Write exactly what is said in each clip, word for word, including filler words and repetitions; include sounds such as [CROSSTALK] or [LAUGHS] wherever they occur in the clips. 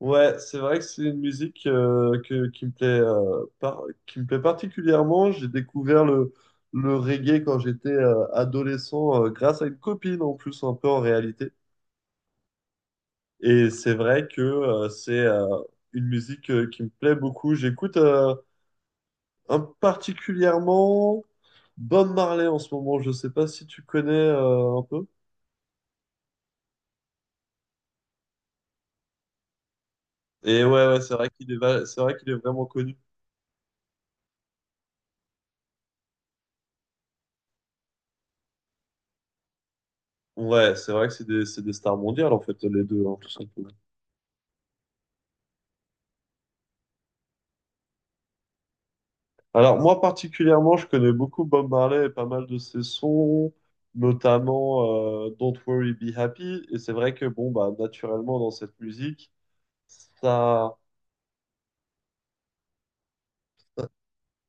Ouais, c'est vrai que c'est une musique euh, que, qui me plaît, euh, par- qui me plaît particulièrement. J'ai découvert le, le reggae quand j'étais euh, adolescent euh, grâce à une copine en plus un peu en réalité. Et c'est vrai que euh, c'est euh, une musique euh, qui me plaît beaucoup. J'écoute euh, un particulièrement Bob Marley en ce moment. Je sais pas si tu connais euh, un peu. Et ouais, ouais, c'est vrai qu'il est, va- c'est vrai qu'il est vraiment connu. Ouais, c'est vrai que c'est des, c'est des stars mondiales en fait les deux, hein, tout simplement. Alors, moi particulièrement, je connais beaucoup Bob Marley et pas mal de ses sons, notamment euh, Don't Worry, Be Happy. Et c'est vrai que, bon, bah, naturellement, dans cette musique, ça,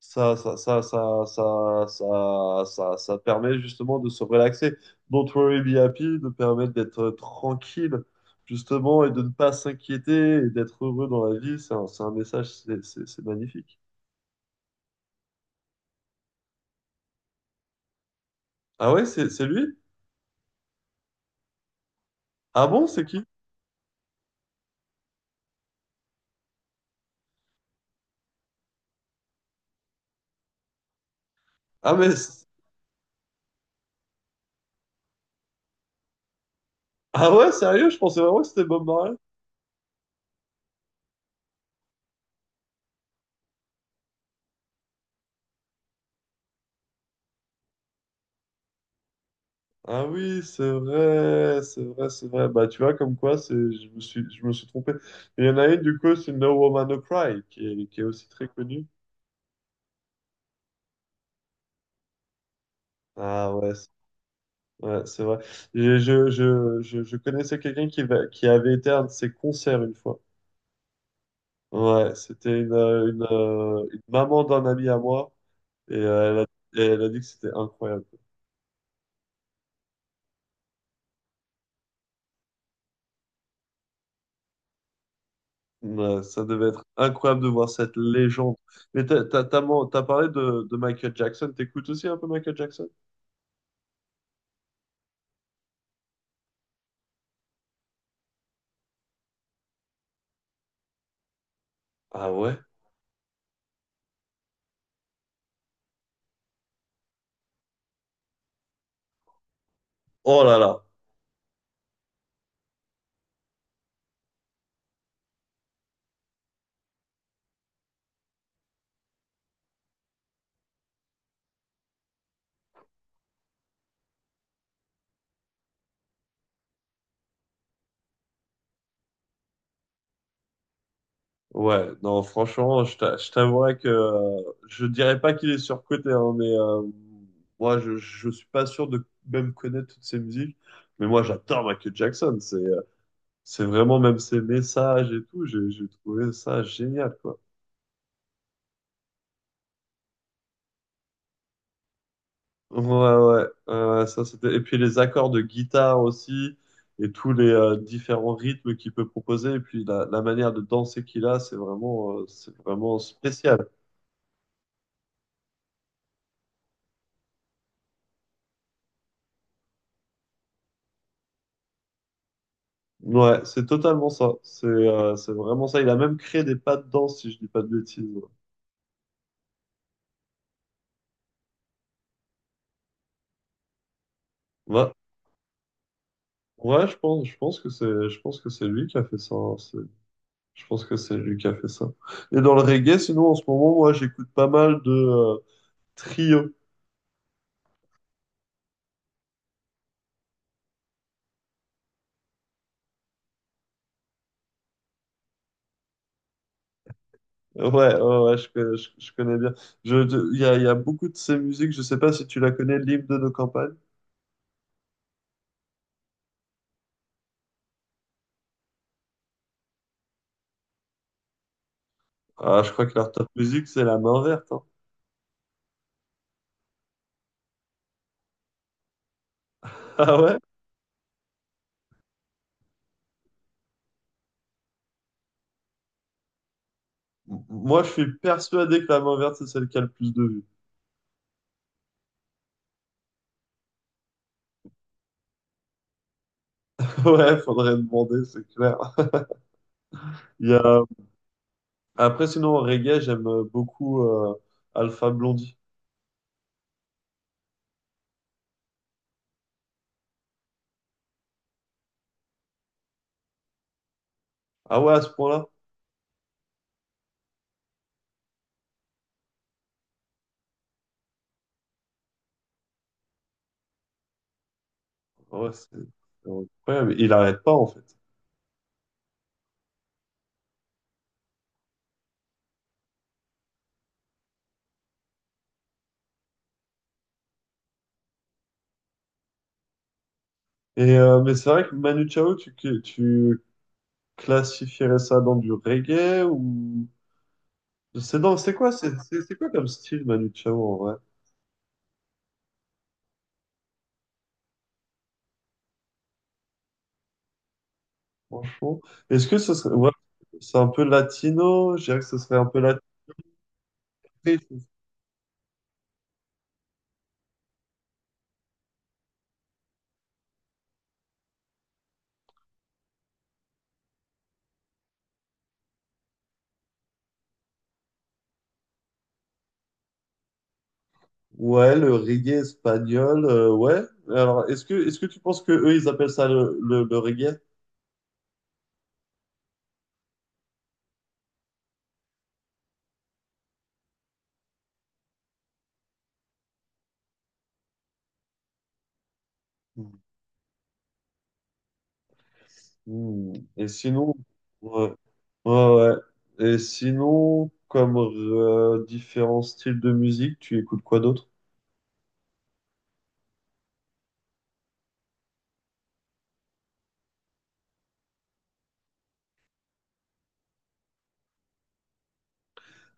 ça, ça, ça, ça, ça, ça, ça, ça permet justement de se relaxer. Don't Worry, Be Happy nous permet d'être euh, tranquille, justement, et de ne pas s'inquiéter et d'être heureux dans la vie. C'est un, c'est un message, c'est c'est- c'est magnifique. Ah ouais, c'est c'est lui? Ah bon, c'est qui? Ah, mais ah ouais, sérieux? Je pensais vraiment que c'était Bob Marley. Ah oui, c'est vrai, c'est vrai, c'est vrai. Bah tu vois, comme quoi, c'est, je me suis, je me suis trompé. Il y en a une, du coup, c'est No Woman No Cry, qui est, qui est aussi très connue. Ah ouais, c'est ouais, c'est vrai. Je, je, je, je, je connaissais quelqu'un qui, va- qui avait été à un de ses concerts une fois. Ouais, c'était une, euh, une, euh, une maman d'un ami à moi, et euh, elle a, et elle a dit que c'était incroyable. Ouais, ça devait être incroyable de voir cette légende. Mais t'as, t'as, t'as man- t'as parlé de, de Michael Jackson. T'écoutes aussi un peu Michael Jackson? Ah ouais? Oh là là. Ouais, non, franchement, je t'a- je t'avouerais que euh, je dirais pas qu'il est surcoté, hein, mais euh, moi, je, je suis pas sûr de même connaître toutes ses musiques. Mais moi, j'adore Michael Jackson. C'est, euh, c'est vraiment même ses messages et tout. J'ai j'ai trouvé ça génial, quoi. Ouais, ouais, ouais, ça c'était. Et puis les accords de guitare aussi, et tous les euh, différents rythmes qu'il peut proposer, et puis la, la manière de danser qu'il a, c'est vraiment, euh, c'est vraiment spécial. Ouais, c'est totalement ça. C'est euh, c'est vraiment ça. Il a même créé des pas de danse, si je dis pas de bêtises. Ouais, ouais, ouais, je pense, je pense que c'est, je pense que c'est lui qui a fait ça, hein. C'est- Je pense que c'est lui qui a fait ça. Et dans le reggae, sinon en ce moment, moi, j'écoute pas mal de euh, Trio. Ouais, ouais, ouais, je, co- je- je connais bien. Je, de- Il y a, il y a beaucoup de ces musiques, je sais pas si tu la connais, l'hymne de nos campagnes. Ah, je crois que leur top musique, c'est la main verte, hein. [LAUGHS] Ah ouais? M- Moi, je suis persuadé que la main verte, c'est celle qui a le plus de vues. [LAUGHS] Ouais, faudrait demander, c'est clair. Il y a... Après, sinon, en reggae, j'aime beaucoup euh, Alpha Blondie. Ah ouais, à ce point-là? Ouais, c'est c'est incroyable. Il arrête pas, en fait. Et, euh, mais c'est vrai que Manu Chao, tu, tu classifierais ça dans du reggae ou... C'est non, c'est quoi, c'est c'est- c'est quoi comme style Manu Chao en vrai, franchement? Est-ce que ce serait, ouais, c'est un peu latino? Je dirais que ce serait un peu latino. Ouais, le reggae espagnol, euh, ouais. Alors, est-ce que, est-ce que tu penses que eux, ils appellent ça le, le, le reggae? Hmm. Et sinon, ouais, ouais, ouais. Et sinon, comme euh, différents styles de musique, tu écoutes quoi d'autre?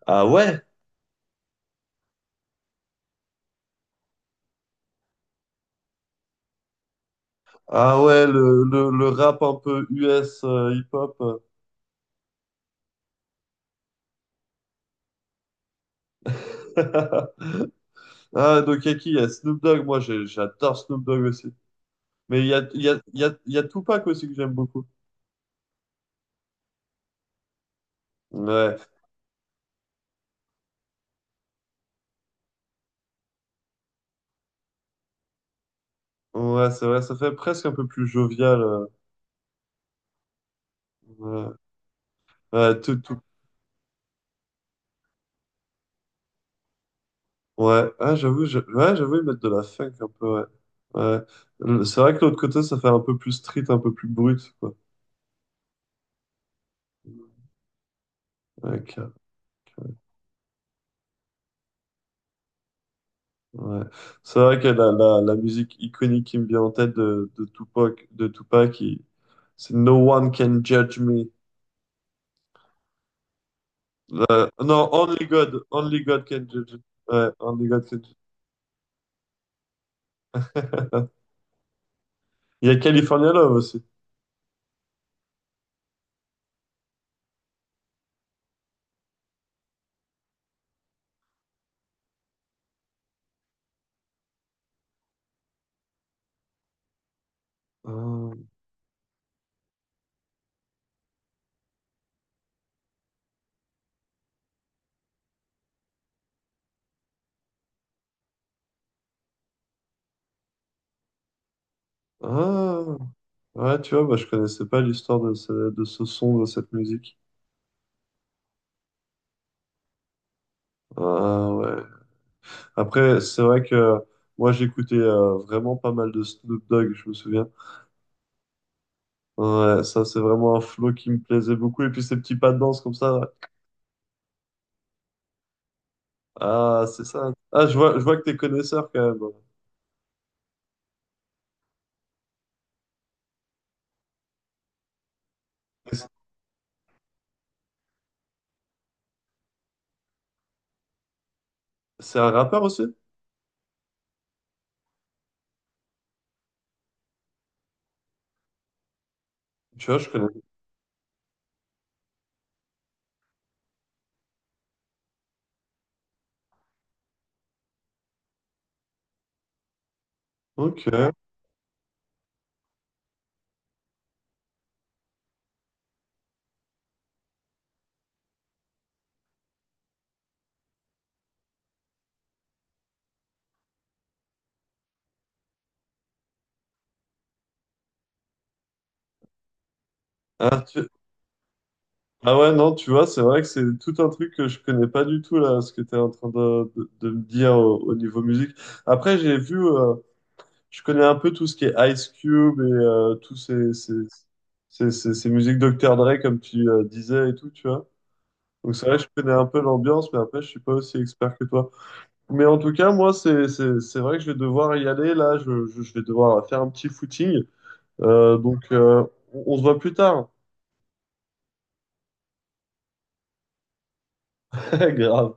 Ah ouais, ah ouais, le, le, le rap un peu U S euh, hip-hop. Euh. [LAUGHS] Ah, donc, il y a qui? Il y a Snoop Dogg. Moi, j'ai- j'adore Snoop Dogg aussi. Mais il y a, il y a, il y a, il y a Tupac aussi que j'aime beaucoup. Ouais, ouais, c'est vrai, ça fait presque un peu plus jovial. Euh, Ouais, ouais, tout, tout. Ouais, ah, j'avoue, je- ouais, j'avoue, ils mettent de la funk un peu, ouais. Ouais. Le- C'est vrai que l'autre côté, ça fait un peu plus street, un peu plus brut, quoi. Ok, ouais. C'est vrai que la, la, la musique iconique qui me vient en tête de, de Tupac, de Tupac, il- c'est No One Can Judge Me. Euh, non, Only God. Only God can judge it. Ouais, Only God can judge it. [LAUGHS] Il y a California Love aussi. Ah, ah, ouais, tu vois, bah, je connaissais pas l'histoire de ce, de ce son, de cette musique. Ah, ouais. Après, c'est vrai que moi, j'écoutais euh, vraiment pas mal de Snoop Dogg, je me souviens. Ouais, ça, c'est vraiment un flow qui me plaisait beaucoup. Et puis, ces petits pas de danse comme ça, là. Ah, c'est ça. Ah, je vois, je vois que t'es connaisseur quand même. Et C'est c'est un rappeur aussi? Tu vois, je connais. Ok. ah tu, ah ouais, non, tu vois, c'est vrai que c'est tout un truc que je connais pas du tout, là, ce que tu es en train de de, de me dire au, au niveau musique. Après, j'ai vu, euh, je connais un peu tout ce qui est Ice Cube et euh, tous ces, ces, ces, ces, ces musiques docteur Dre, comme tu euh, disais et tout, tu vois. Donc c'est vrai que je connais un peu l'ambiance, mais après, je suis pas aussi expert que toi. Mais en tout cas, moi, c'est, c'est, c'est vrai que je vais devoir y aller, là, je, je, je vais devoir faire un petit footing. Euh, donc, euh, on on se voit plus tard. [LAUGHS] Grave.